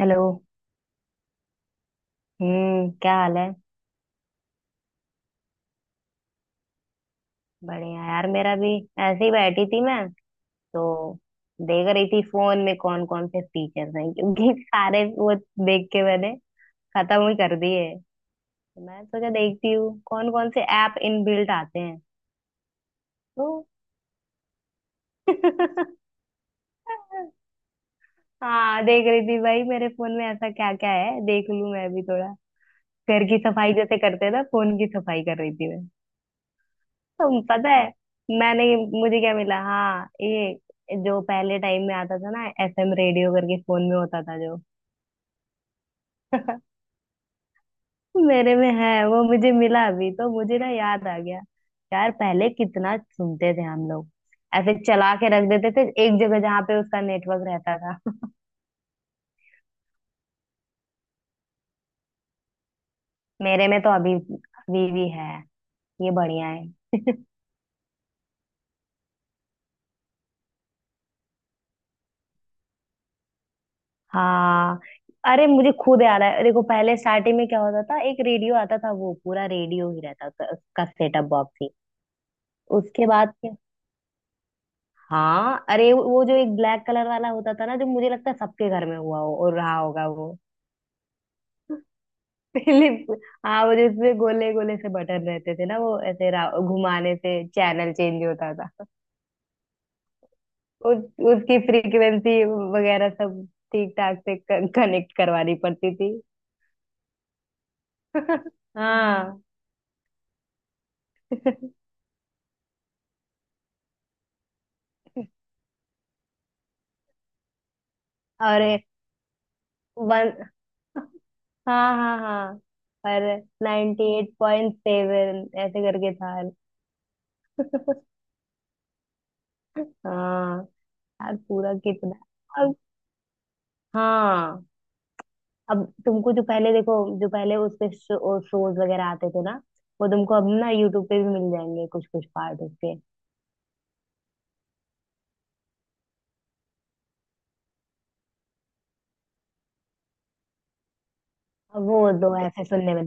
Hello. क्या हाल है। बढ़िया यार मेरा भी। ऐसे ही बैठी थी मैं। तो देख रही थी फोन में कौन कौन से फीचर्स हैं क्योंकि सारे वो देख के मैंने खत्म ही कर दिए। तो मैं सोचा देखती हूँ कौन कौन से ऐप इनबिल्ट आते हैं। तो हाँ देख रही थी भाई मेरे फोन में ऐसा क्या क्या है देख लूँ मैं भी थोड़ा। घर की सफाई जैसे करते हैं ना फोन की सफाई कर रही थी। तुम पता है मैंने मुझे क्या मिला। हाँ ये जो पहले टाइम में आता था ना एफएम रेडियो करके फोन में होता था जो। मेरे में है वो मुझे मिला अभी तो मुझे ना याद आ गया। यार पहले कितना सुनते थे हम लोग। ऐसे चला के रख देते थे एक जगह जहाँ पे उसका नेटवर्क रहता था। मेरे में तो अभी अभी भी है। ये बढ़िया है। हाँ अरे मुझे खुद याद है। देखो पहले स्टार्टिंग में क्या होता था एक रेडियो आता था वो पूरा रेडियो ही रहता था उसका सेटअप बॉक्स ही। उसके बाद क्या। हाँ अरे वो जो एक ब्लैक कलर वाला होता था ना जो मुझे लगता है सबके घर में हुआ हो और रहा होगा वो। पहले हाँ वो जिसमें गोले गोले से बटन रहते थे ना वो ऐसे घुमाने से चैनल चेंज होता था। उस उसकी फ्रीक्वेंसी वगैरह सब ठीक ठाक से कनेक्ट करवानी पड़ती थी। हाँ अरे वन हाँ हाँ हाँ और 98.7 ऐसे करके था। हाँ यार पूरा कितना अब। हाँ अब तुमको जो पहले देखो जो पहले उस पे शोज वगैरह आते थे ना। वो तुमको अब ना यूट्यूब पे भी मिल जाएंगे कुछ कुछ पार्ट उसके। अब वो दो ऐसे सुनने में।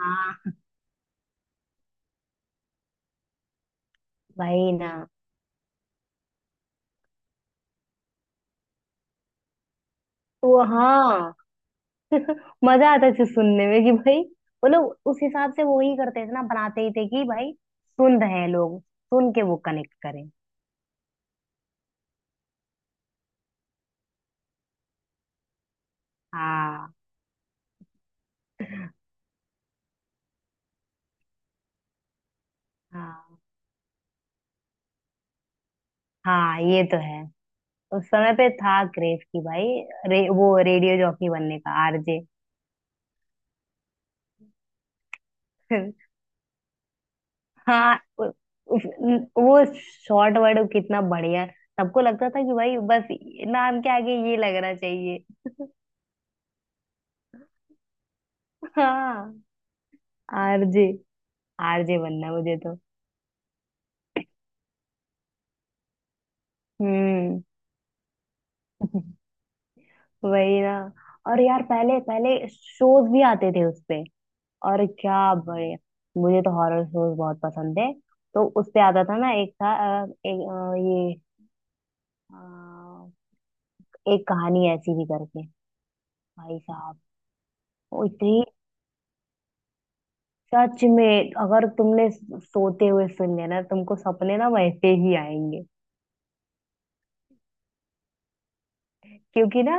हाँ भाई ना वो हाँ। मजा आता था सुनने में कि भाई वो लोग उस हिसाब से वो ही करते थे ना बनाते ही थे कि भाई सुन रहे हैं लोग सुन के वो कनेक्ट करें। हाँ हाँ हाँ ये तो है। उस समय पे था क्रेज की भाई वो रेडियो जॉकी बनने का आरजे। हाँ उ, उस, न- वो शॉर्ट वर्ड कितना बढ़िया। सबको लगता था कि भाई बस नाम के आगे ये लगना चाहिए। हाँ आरजे। आरजे बनना है मुझे तो। हम्म वही ना। और यार पहले पहले शोज भी आते थे उसपे। और क्या बढ़िया। मुझे तो हॉरर शोज बहुत पसंद थे। तो उसपे आता था ना एक था अ, एक अ, ये एक कहानी ऐसी भी करके। भाई साहब। वो इतनी सच में अगर तुमने सोते हुए सुन लिया ना तुमको सपने ना वैसे ही आएंगे। क्योंकि ना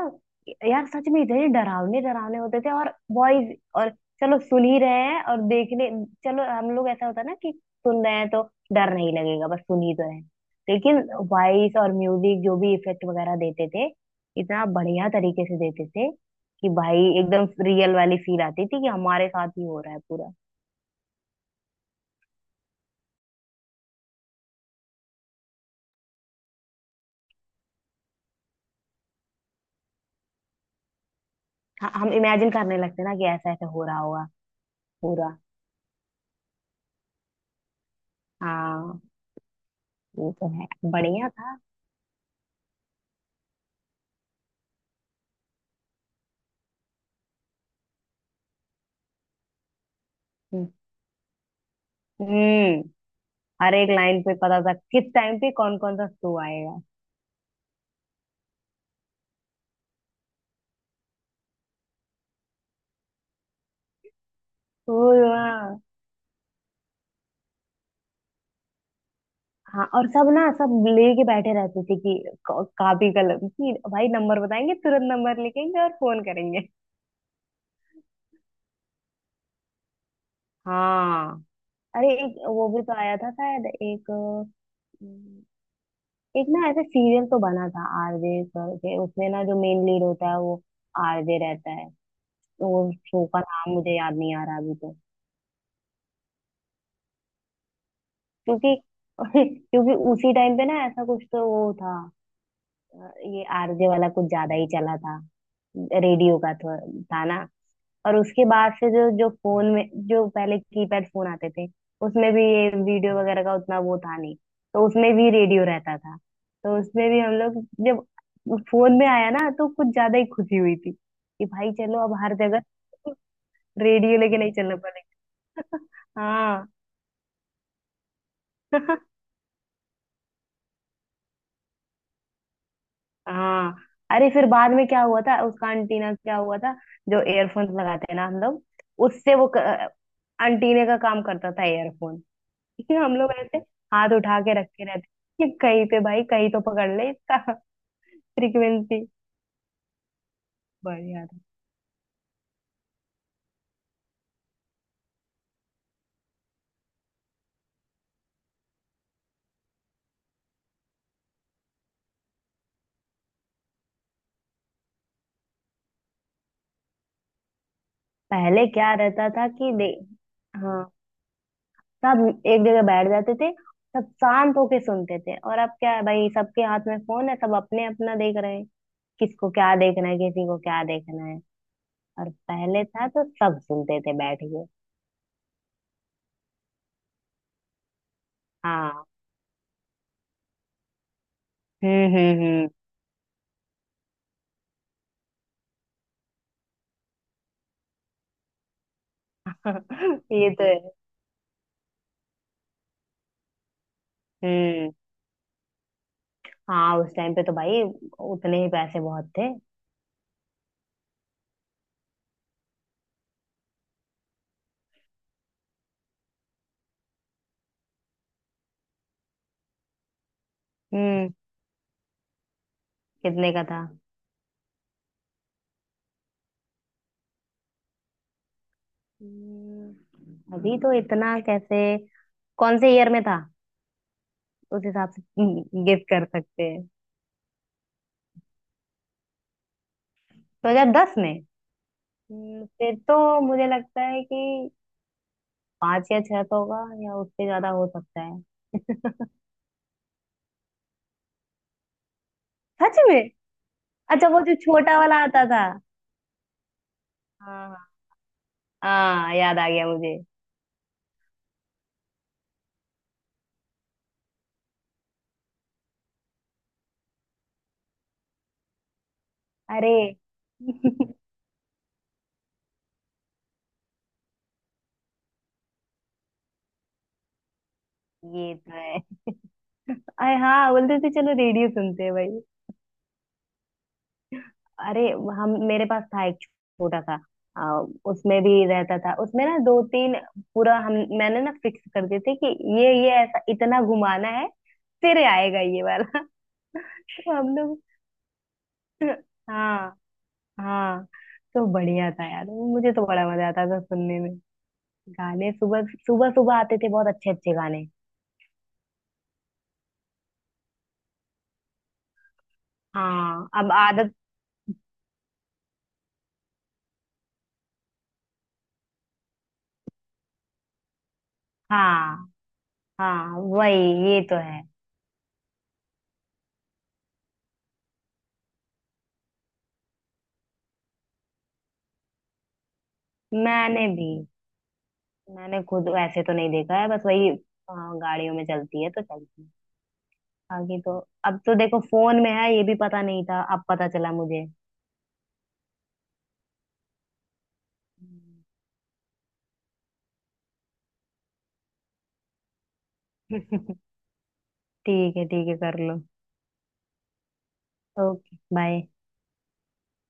यार सच में इतने डरावने डरावने होते थे और वॉइस और चलो सुन ही रहे हैं और देखने चलो हम लोग ऐसा होता है ना कि सुन रहे हैं तो डर नहीं लगेगा बस सुन ही तो रहे हैं। लेकिन वॉइस और म्यूजिक जो भी इफेक्ट वगैरह देते थे इतना बढ़िया तरीके से देते थे कि भाई एकदम रियल वाली फील आती थी कि हमारे साथ ही हो रहा है पूरा। हाँ, हम इमेजिन करने लगते हैं ना कि ऐसा ऐसा हो रहा होगा पूरा। हाँ ये तो है। बढ़िया था। हम्म हम्म, हर एक लाइन पे पता था किस टाइम पे कौन कौन सा शो आएगा। वो, हाँ। हाँ, और सब ना सब लेके बैठे रहते थे कि कॉपी कलम कि भाई नंबर बताएंगे तुरंत नंबर लिखेंगे और फोन करेंगे। हाँ अरे एक वो भी तो आया था शायद एक अम, एक ना ऐसे सीरियल तो बना था आरजे करके उसमें ना जो मेन लीड होता है वो आरजे रहता है। वो शो का नाम मुझे याद नहीं आ रहा अभी तो। क्योंकि क्योंकि उसी टाइम पे ना ऐसा कुछ तो वो था। ये आरजे वाला कुछ ज्यादा ही चला था रेडियो का तो था ना। और उसके बाद से जो जो फोन में जो पहले कीपैड फोन आते थे उसमें भी ये वीडियो वगैरह का उतना वो था नहीं। तो उसमें भी रेडियो रहता था तो उसमें भी हम लोग जब फोन में आया ना तो कुछ ज्यादा ही खुशी हुई थी कि भाई चलो अब हर जगह। रेडियो लेके नहीं चलना पड़ेगा। हाँ हाँ अरे फिर बाद में क्या हुआ था उसका अंटीना क्या हुआ था जो एयरफोन लगाते हैं ना हम लोग उससे वो अंटीने का काम करता था एयरफोन। हम लोग ऐसे हाथ उठा के रखे रहते कि कहीं पे भाई कहीं तो पकड़ ले इसका फ्रीक्वेंसी। बढ़िया था। पहले क्या रहता था कि दे हाँ सब एक जगह बैठ जाते थे। सब शांत होके सुनते थे और अब क्या है भाई सबके हाथ में फोन है सब अपने अपना देख रहे हैं। किसको क्या देखना है किसी को क्या देखना है। और पहले था तो सब सुनते थे बैठ के। हाँ हम्म हम्म हम्म ये तो है। हम्म हाँ उस टाइम पे तो भाई उतने ही पैसे बहुत थे। हम्म कितने का था। हम्म। अभी तो इतना कैसे कौन से ईयर में था उस हिसाब से गेस कर सकते हैं। 2010 में। फिर तो मुझे लगता है कि पांच या छह तो होगा या उससे ज्यादा हो सकता है। सच में। अच्छा वो जो छोटा वाला आता था। हाँ हाँ याद आ गया मुझे। अरे ये तो है। अरे हाँ बोलते थे चलो रेडियो सुनते हैं भाई। अरे हम मेरे पास था एक छोटा सा आ, उसमें भी रहता था। उसमें ना दो तीन पूरा हम मैंने ना फिक्स कर दिए थे कि ये ऐसा इतना घुमाना है फिर आएगा ये वाला। तो हम लोग हाँ हाँ। तो बढ़िया था यार मुझे तो बड़ा मजा आता था सुनने में। गाने सुबह सुबह सुबह आते थे बहुत अच्छे अच्छे गाने। हाँ अब आदत। हाँ हाँ वही ये तो है। मैंने भी मैंने खुद ऐसे तो नहीं देखा है बस वही। हाँ, गाड़ियों में चलती है तो चलती है। बाकी तो अब तो देखो फोन में है ये भी पता नहीं था अब पता चला मुझे। हम्म। ठीक है कर लो। Okay bye.